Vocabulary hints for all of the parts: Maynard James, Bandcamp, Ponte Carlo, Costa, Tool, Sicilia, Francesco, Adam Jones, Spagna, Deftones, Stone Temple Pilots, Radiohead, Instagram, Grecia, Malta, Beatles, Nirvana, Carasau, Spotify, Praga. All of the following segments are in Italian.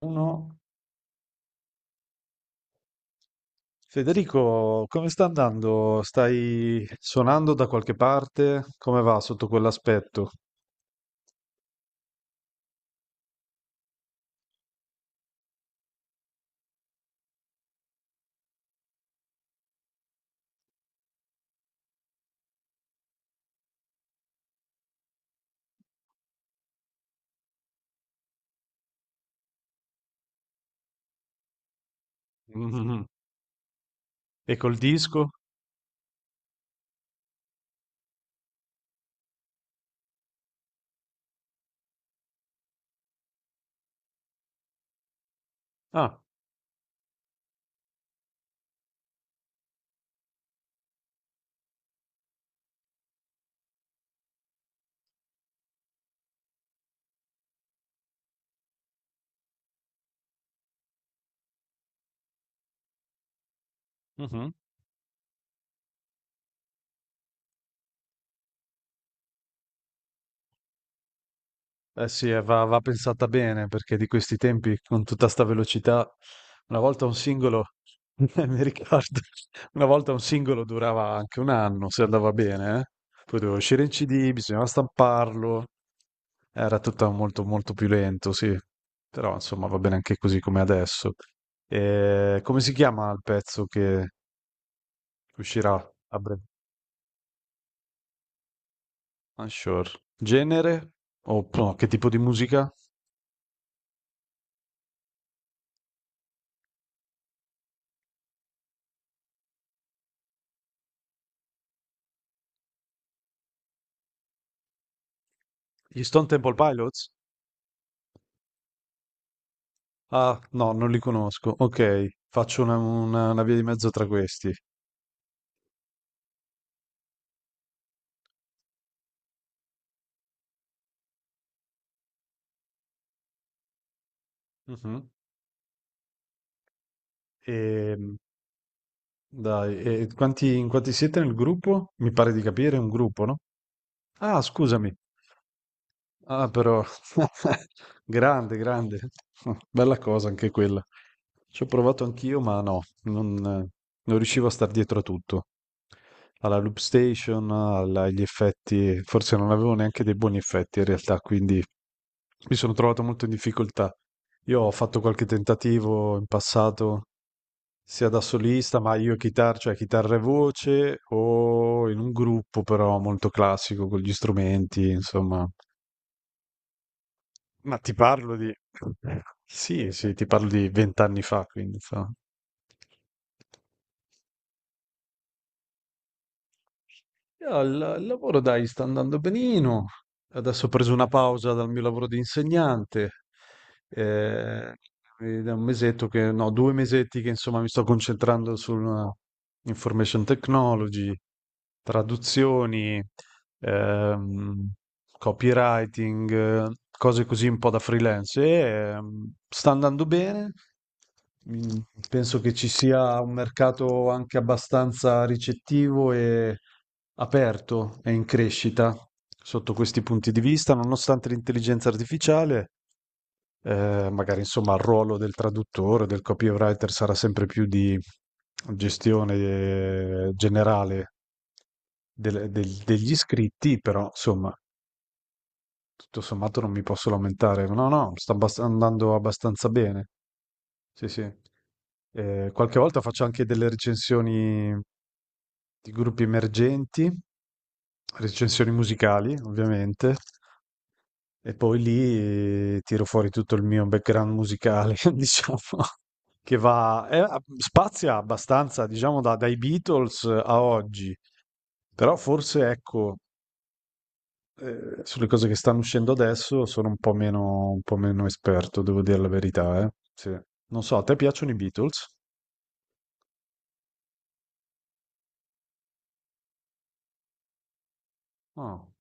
Uno. Federico, come sta andando? Stai suonando da qualche parte? Come va sotto quell'aspetto? Mhm. E col disco? Ah, mhm. Eh sì, va pensata bene perché di questi tempi con tutta sta velocità, una volta un singolo, mi ricordo, una volta un singolo durava anche un anno se andava bene, eh. Poi doveva uscire in CD, bisognava stamparlo, era tutto molto molto più lento, sì, però insomma va bene anche così come adesso. E come si chiama il pezzo che uscirà a breve? Unsure. Genere? O no, che tipo di musica? Gli Stone Temple Pilots? Ah, no, non li conosco. Ok, faccio una via di mezzo tra questi. Mhm. E, dai, in quanti siete nel gruppo? Mi pare di capire, è un gruppo, no? Ah, scusami. Ah, però, grande, grande. Bella cosa anche quella. Ci ho provato anch'io, ma no, non riuscivo a star dietro a tutto. Alla loop station, agli effetti, forse non avevo neanche dei buoni effetti in realtà, quindi mi sono trovato molto in difficoltà. Io ho fatto qualche tentativo in passato, sia da solista, ma io chitarra, cioè chitarra e voce, o in un gruppo però molto classico con gli strumenti, insomma. Ma ti parlo di... Sì, sì, ti parlo di 20 anni fa, quindi insomma. Io al il lavoro, dai, sta andando benino. Adesso ho preso una pausa dal mio lavoro di insegnante. eh, ed è un mesetto che, no, 2 mesetti che insomma mi sto concentrando sulla information technology, traduzioni, ehm, copywriting, cose così un po' da freelance. E sta andando bene. Mm, Penso che ci sia un mercato anche abbastanza ricettivo e aperto e in crescita sotto questi punti di vista, nonostante l'intelligenza artificiale, magari insomma il ruolo del traduttore, del copywriter sarà sempre più di gestione generale degli iscritti, però insomma tutto sommato non mi posso lamentare. No, no, sta andando abbastanza bene. Sì, sì. Qualche volta faccio anche delle recensioni di gruppi emergenti, recensioni musicali, ovviamente, e poi lì tiro fuori tutto il mio background musicale, diciamo, che va, spazia abbastanza, diciamo, dai Beatles a oggi. Però forse, ecco, sulle cose che stanno uscendo adesso sono un po' meno esperto, devo dire la verità, eh. Sì. Non so, a te piacciono i Beatles? No.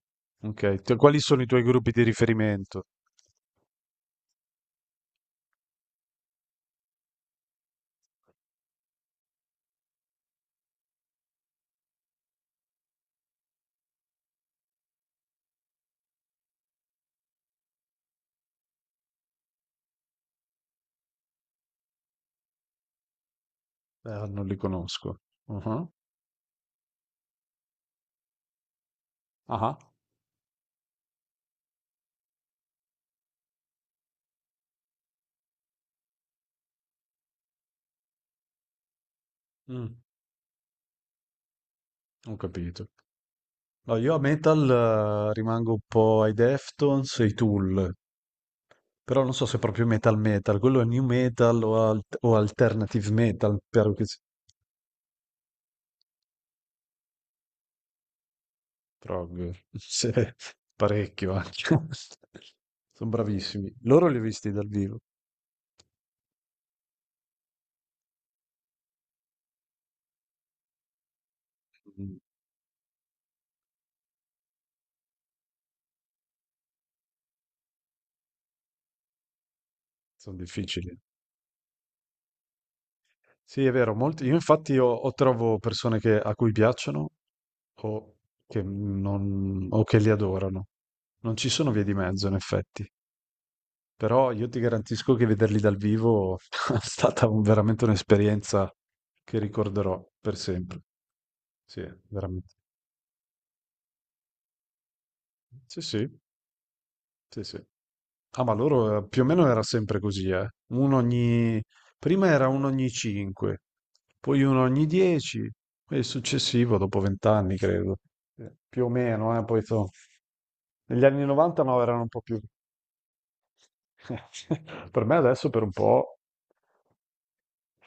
Ok, quali sono i tuoi gruppi di riferimento? Non li conosco. Mhm. Ah, mm, ho capito. No, io a metal rimango un po' ai Deftones e ai Tool, però non so se è proprio metal metal, quello è new metal o alternative metal, però che si- Prog, sì, parecchio anche. Son bravissimi. Loro li ho visti dal vivo. Mh-mh. Son difficili. Sì, è vero, molti io infatti o trovo persone che a cui piacciono o che non o che li adorano. Non ci sono vie di mezzo in effetti, però io ti garantisco che vederli dal vivo è stata un veramente un'esperienza che ricorderò per sempre. Sì, veramente. Sì, sì. Sì, sì. Ah, ma loro più o meno era sempre così, eh. Uno ogni... Prima era uno ogni 5, poi uno ogni 10 e il successivo dopo 20 anni, credo. Più o meno, eh. Poi so. Negli anni 90 no, erano un po' più... Per me adesso per un po'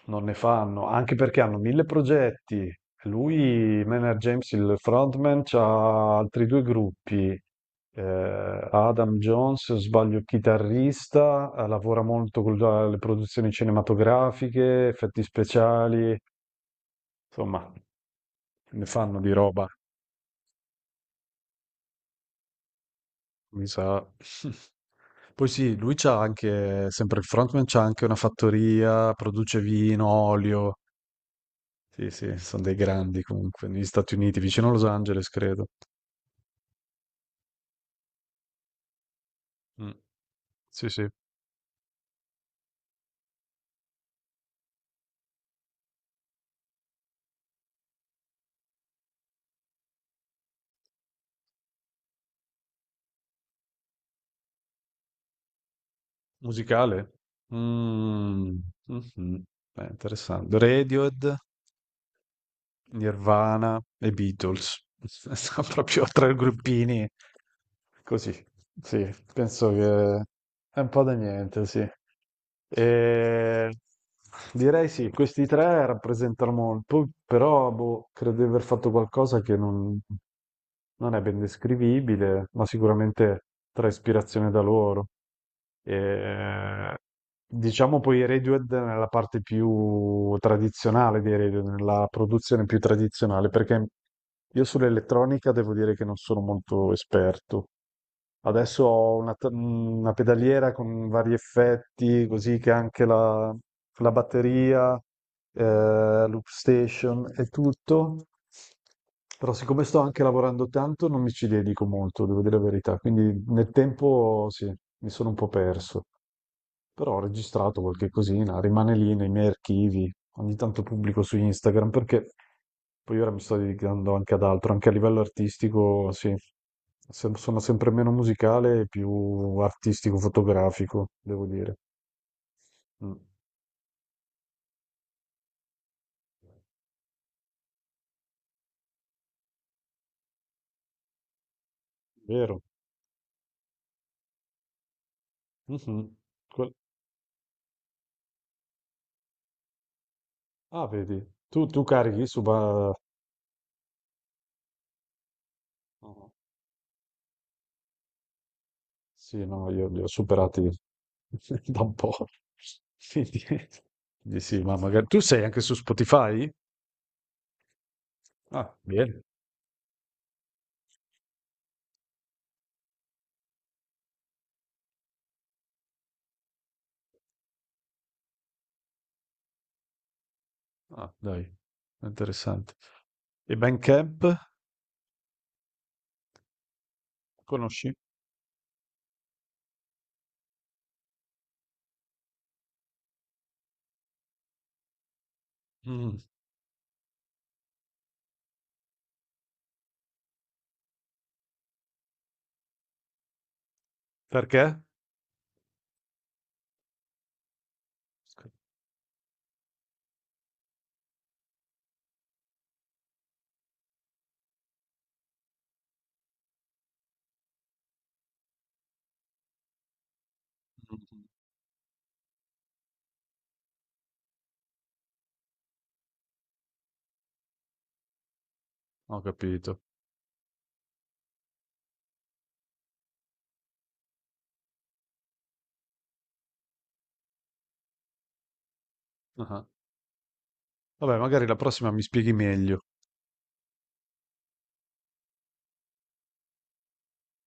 non ne fanno, anche perché hanno mille progetti. Lui, Maynard James, il frontman, c'ha altri due gruppi. Adam Jones, se non sbaglio, chitarrista, lavora molto con le produzioni cinematografiche, effetti speciali, insomma, ne fanno di roba, mi sa. Poi sì, lui c'ha anche, sempre il frontman, c'ha anche una fattoria, produce vino, olio. Sì, sì, sono dei grandi comunque, negli Stati Uniti, vicino a Los Angeles, credo. Mh. Sì, sì. Musicale? Mh. Mh-mh. Beh, interessante. Radiohead, Nirvana e Beatles. Sono proprio 3 gruppini così. Sì, penso che è un po' da niente, sì. Ehm, direi sì, questi 3 rappresentano molto, però boh, credo di aver fatto qualcosa che non è ben descrivibile, ma sicuramente trae ispirazione da loro. Eh, diciamo poi i Radiohead nella parte più tradizionale dei Radiohead, nella produzione più tradizionale, perché io sull'elettronica devo dire che non sono molto esperto. Adesso ho una pedaliera con vari effetti, così che anche la batteria, eh, loop station e tutto. Però siccome sto anche lavorando tanto, non mi ci dedico molto, devo dire la verità. Quindi nel tempo sì, mi sono un po' perso. Però ho registrato qualche cosina, rimane lì nei miei archivi, ogni tanto pubblico su Instagram perché poi ora mi sto dedicando anche ad altro, anche a livello artistico, sì, sono sempre meno musicale e più artistico-fotografico, devo dire. Mm. Vero? Mhm. Quel- Ah, vedi, tu carichi su... Ba- no. Sì, no, io li ho superati da un po'. Quindi- Quindi sì, ma magari... Tu sei anche su Spotify? Ah, bene. Ah, dai, interessante. E Bandcamp? Conosci? Mm. Perché? Ho capito. Ah. Vabbè, magari la prossima mi spieghi meglio.